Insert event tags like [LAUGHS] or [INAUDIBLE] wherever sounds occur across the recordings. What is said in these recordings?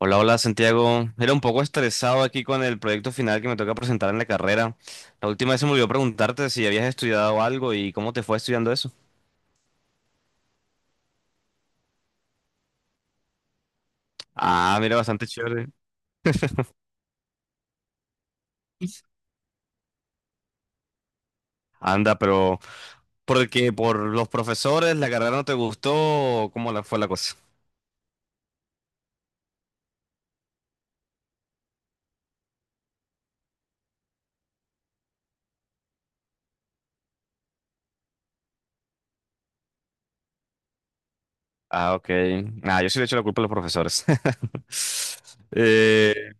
Hola, hola Santiago. Era un poco estresado aquí con el proyecto final que me toca presentar en la carrera. La última vez se me olvidó preguntarte si habías estudiado algo y cómo te fue estudiando eso. Ah, mira, bastante chévere. Anda, pero ¿por qué? ¿Por los profesores? ¿La carrera no te gustó? O ¿cómo fue la cosa? Ah, ok. Ah, yo sí le echo la culpa a los profesores. [LAUGHS] Eh,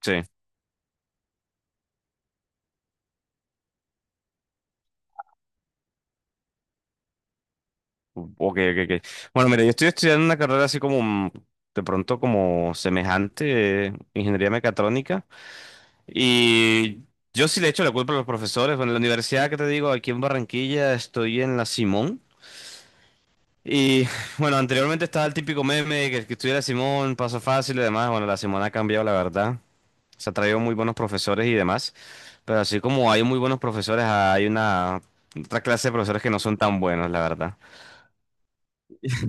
sí. Ok, ok, ok. Bueno, mira, yo estoy estudiando una carrera así como de pronto como semejante, ingeniería mecatrónica. Y yo sí le echo la culpa a los profesores. Bueno, en la universidad que te digo, aquí en Barranquilla, estoy en la Simón. Y [LAUGHS] bueno, anteriormente estaba el típico meme de que el que estudia Simón, paso fácil y demás. Bueno, la Simón ha cambiado, la verdad. Se ha traído muy buenos profesores y demás. Pero así como hay muy buenos profesores, hay una otra clase de profesores que no son tan buenos, la verdad.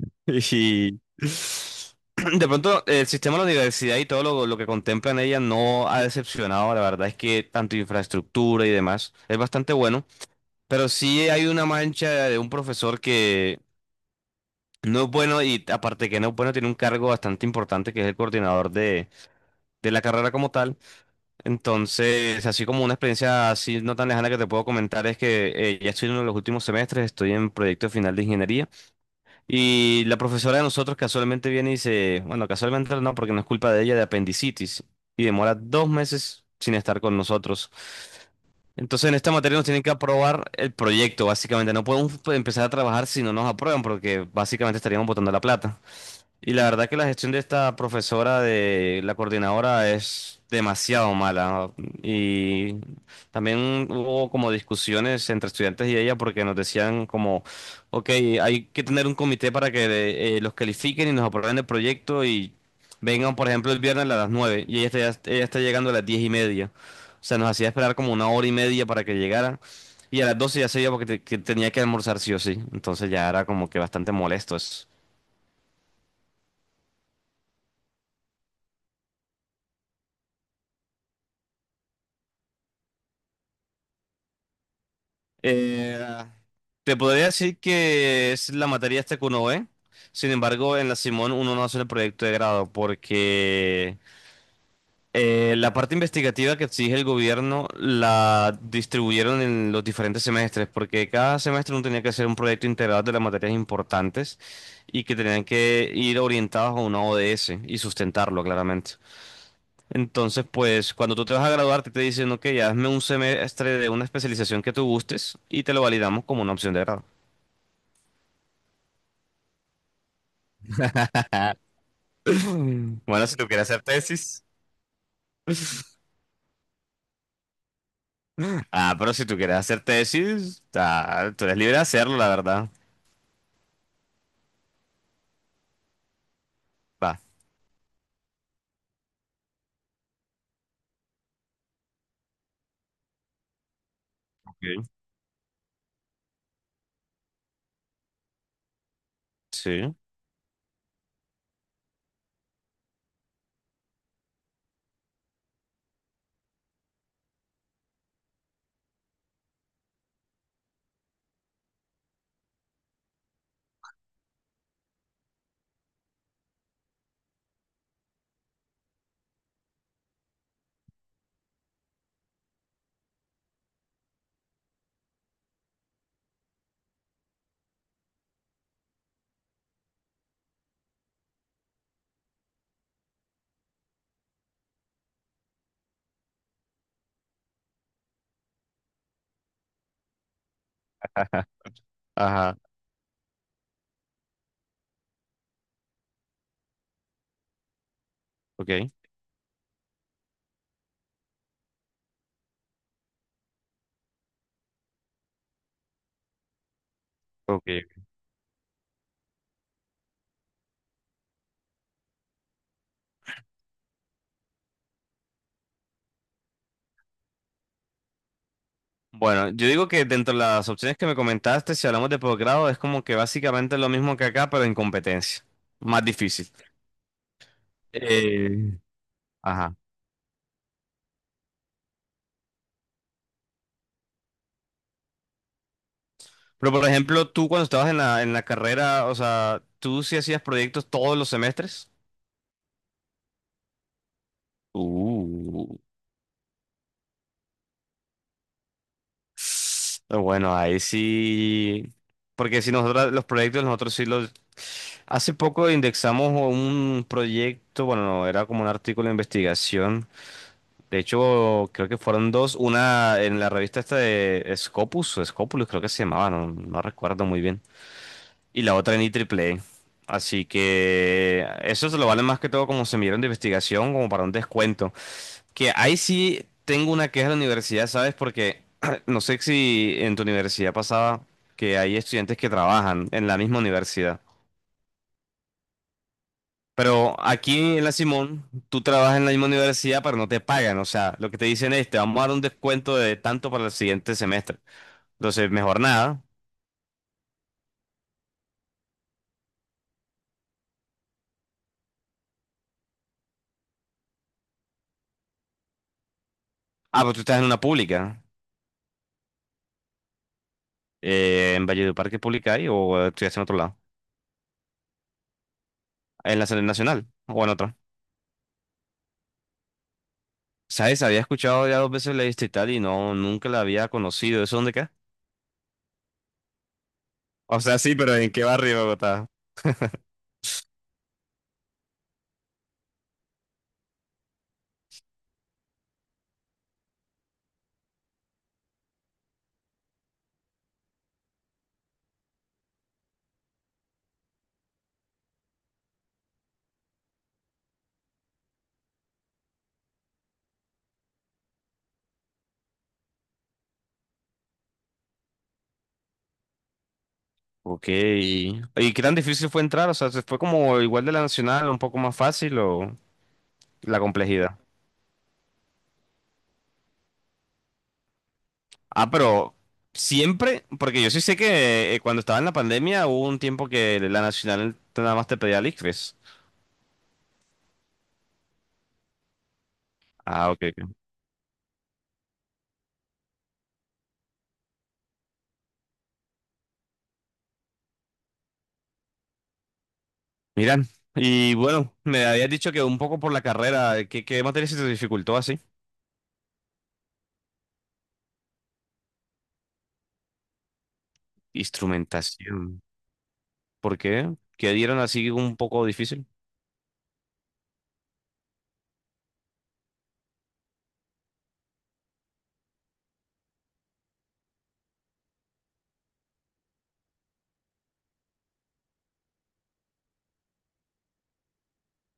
[LAUGHS] Y de pronto el sistema de la universidad y todo lo que contempla en ella no ha decepcionado. La verdad es que tanto infraestructura y demás es bastante bueno. Pero sí hay una mancha de un profesor que no es bueno, y aparte que no es bueno tiene un cargo bastante importante, que es el coordinador de la carrera como tal. Entonces, así como una experiencia así no tan lejana que te puedo comentar, es que ya estoy en uno de los últimos semestres, estoy en proyecto final de ingeniería. Y la profesora de nosotros casualmente viene y dice, bueno, casualmente no, porque no es culpa de ella, de apendicitis. Y demora dos meses sin estar con nosotros. Entonces en esta materia nos tienen que aprobar el proyecto, básicamente. No podemos empezar a trabajar si no nos aprueban, porque básicamente estaríamos botando la plata. Y la verdad que la gestión de esta profesora, de la coordinadora, es demasiado mala, ¿no? Y también hubo como discusiones entre estudiantes y ella, porque nos decían como, ok, hay que tener un comité para que los califiquen y nos aprueben el proyecto, y vengan, por ejemplo, el viernes a las nueve, y ella está llegando a las 10 y media. O sea, nos hacía esperar como una hora y media para que llegara. Y a las 12 ya se iba porque que tenía que almorzar sí o sí. Entonces ya era como que bastante molesto eso. Eh, Te podría decir que es la materia esta que uno ve. Sin embargo, en la Simón uno no hace el proyecto de grado porque la parte investigativa que exige el gobierno la distribuyeron en los diferentes semestres, porque cada semestre uno tenía que hacer un proyecto integral de las materias importantes y que tenían que ir orientados a una ODS y sustentarlo claramente. Entonces, pues cuando tú te vas a graduarte te dicen, ok, hazme un semestre de una especialización que tú gustes y te lo validamos como una opción de grado. [LAUGHS] Mm. Bueno, si tú quieres hacer tesis. Ah, pero si tú quieres hacer tesis, ah, tú eres libre de hacerlo, la verdad. Va. Ok. Sí. [LAUGHS] Ajá. Ajá. Ok, ok. Bueno, yo digo que dentro de las opciones que me comentaste, si hablamos de posgrado, es como que básicamente lo mismo que acá, pero en competencia. Más difícil. Eh, Ajá. Pero por ejemplo, tú cuando estabas en la carrera, o sea, ¿tú sí hacías proyectos todos los semestres? Uh. Bueno, ahí sí, porque si nosotros los proyectos, nosotros sí los... Hace poco indexamos un proyecto, bueno, no, era como un artículo de investigación. De hecho, creo que fueron dos, una en la revista esta de Scopus, o Scopulus creo que se llamaba, no recuerdo muy bien. Y la otra en IEEE. Así que eso se lo vale más que todo como semillero de investigación, como para un descuento. Que ahí sí tengo una queja de la universidad, ¿sabes? Porque [CLEARS THROAT] no sé si en tu universidad pasaba que hay estudiantes que trabajan en la misma universidad. Pero aquí en la Simón, tú trabajas en la misma universidad, pero no te pagan. O sea, lo que te dicen es, te vamos a dar un descuento de tanto para el siguiente semestre. Entonces, mejor nada. Ah, pero tú estás en una pública. ¿En Valledupar qué pública hay o estudias en otro lado? ¿En la serie nacional o en otra? ¿Sabes? Había escuchado ya dos veces la distrital y no, nunca la había conocido. ¿Eso dónde queda? O sea, sí, pero ¿en qué barrio de Bogotá? Ok. ¿Y qué tan difícil fue entrar? O sea, ¿se ¿fue como igual de la nacional, un poco más fácil o la complejidad? Ah, pero siempre, porque yo sí sé que cuando estaba en la pandemia hubo un tiempo que la nacional nada más te pedía el ICFES. Ah, ok. Ok. Mira, y bueno, me habías dicho que un poco por la carrera, ¿qué materia se te dificultó así? Instrumentación. ¿Por qué? Que dieron así un poco difícil.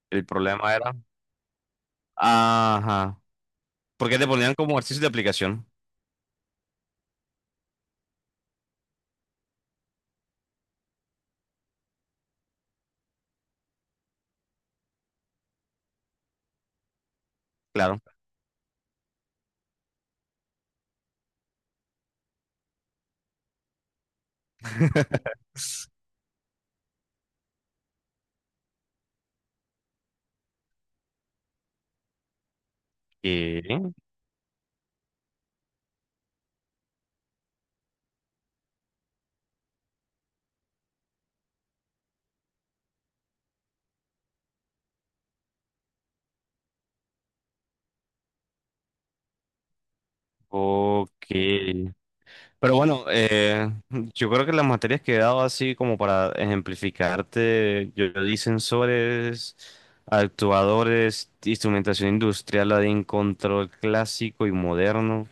El problema era. Ajá. Porque te ponían como ejercicio de aplicación. Claro. [LAUGHS] Eh, ok. Pero bueno, yo creo que las materias que he dado así como para ejemplificarte, yo di sensores, actuadores, instrumentación industrial, la de en control clásico y moderno.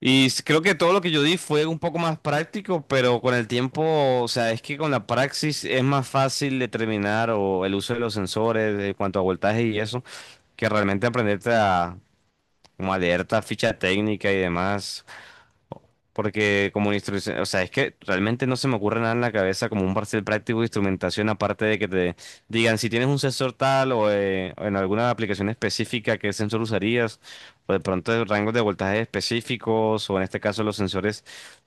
Y creo que todo lo que yo di fue un poco más práctico, pero con el tiempo, o sea, es que con la praxis es más fácil determinar o el uso de los sensores, de cuanto a voltaje y eso, que realmente aprenderte a, como a leer esta ficha técnica y demás. Porque como instrucción, o sea, es que realmente no se me ocurre nada en la cabeza como un parcial práctico de instrumentación, aparte de que te digan si tienes un sensor tal o en alguna aplicación específica qué sensor usarías, o de pronto rangos de voltaje específicos, o en este caso los sensores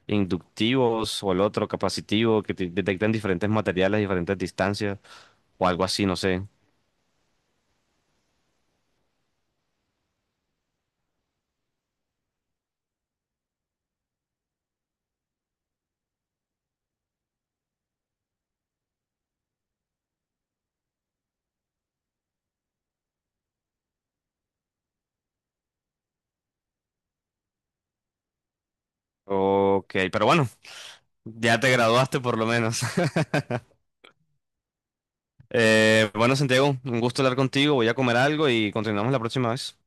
inductivos o el otro capacitivo que te detectan diferentes materiales, diferentes distancias, o algo así, no sé. Ok, pero bueno, ya te graduaste por lo menos. [LAUGHS] Bueno, Santiago, un gusto hablar contigo. Voy a comer algo y continuamos la próxima vez.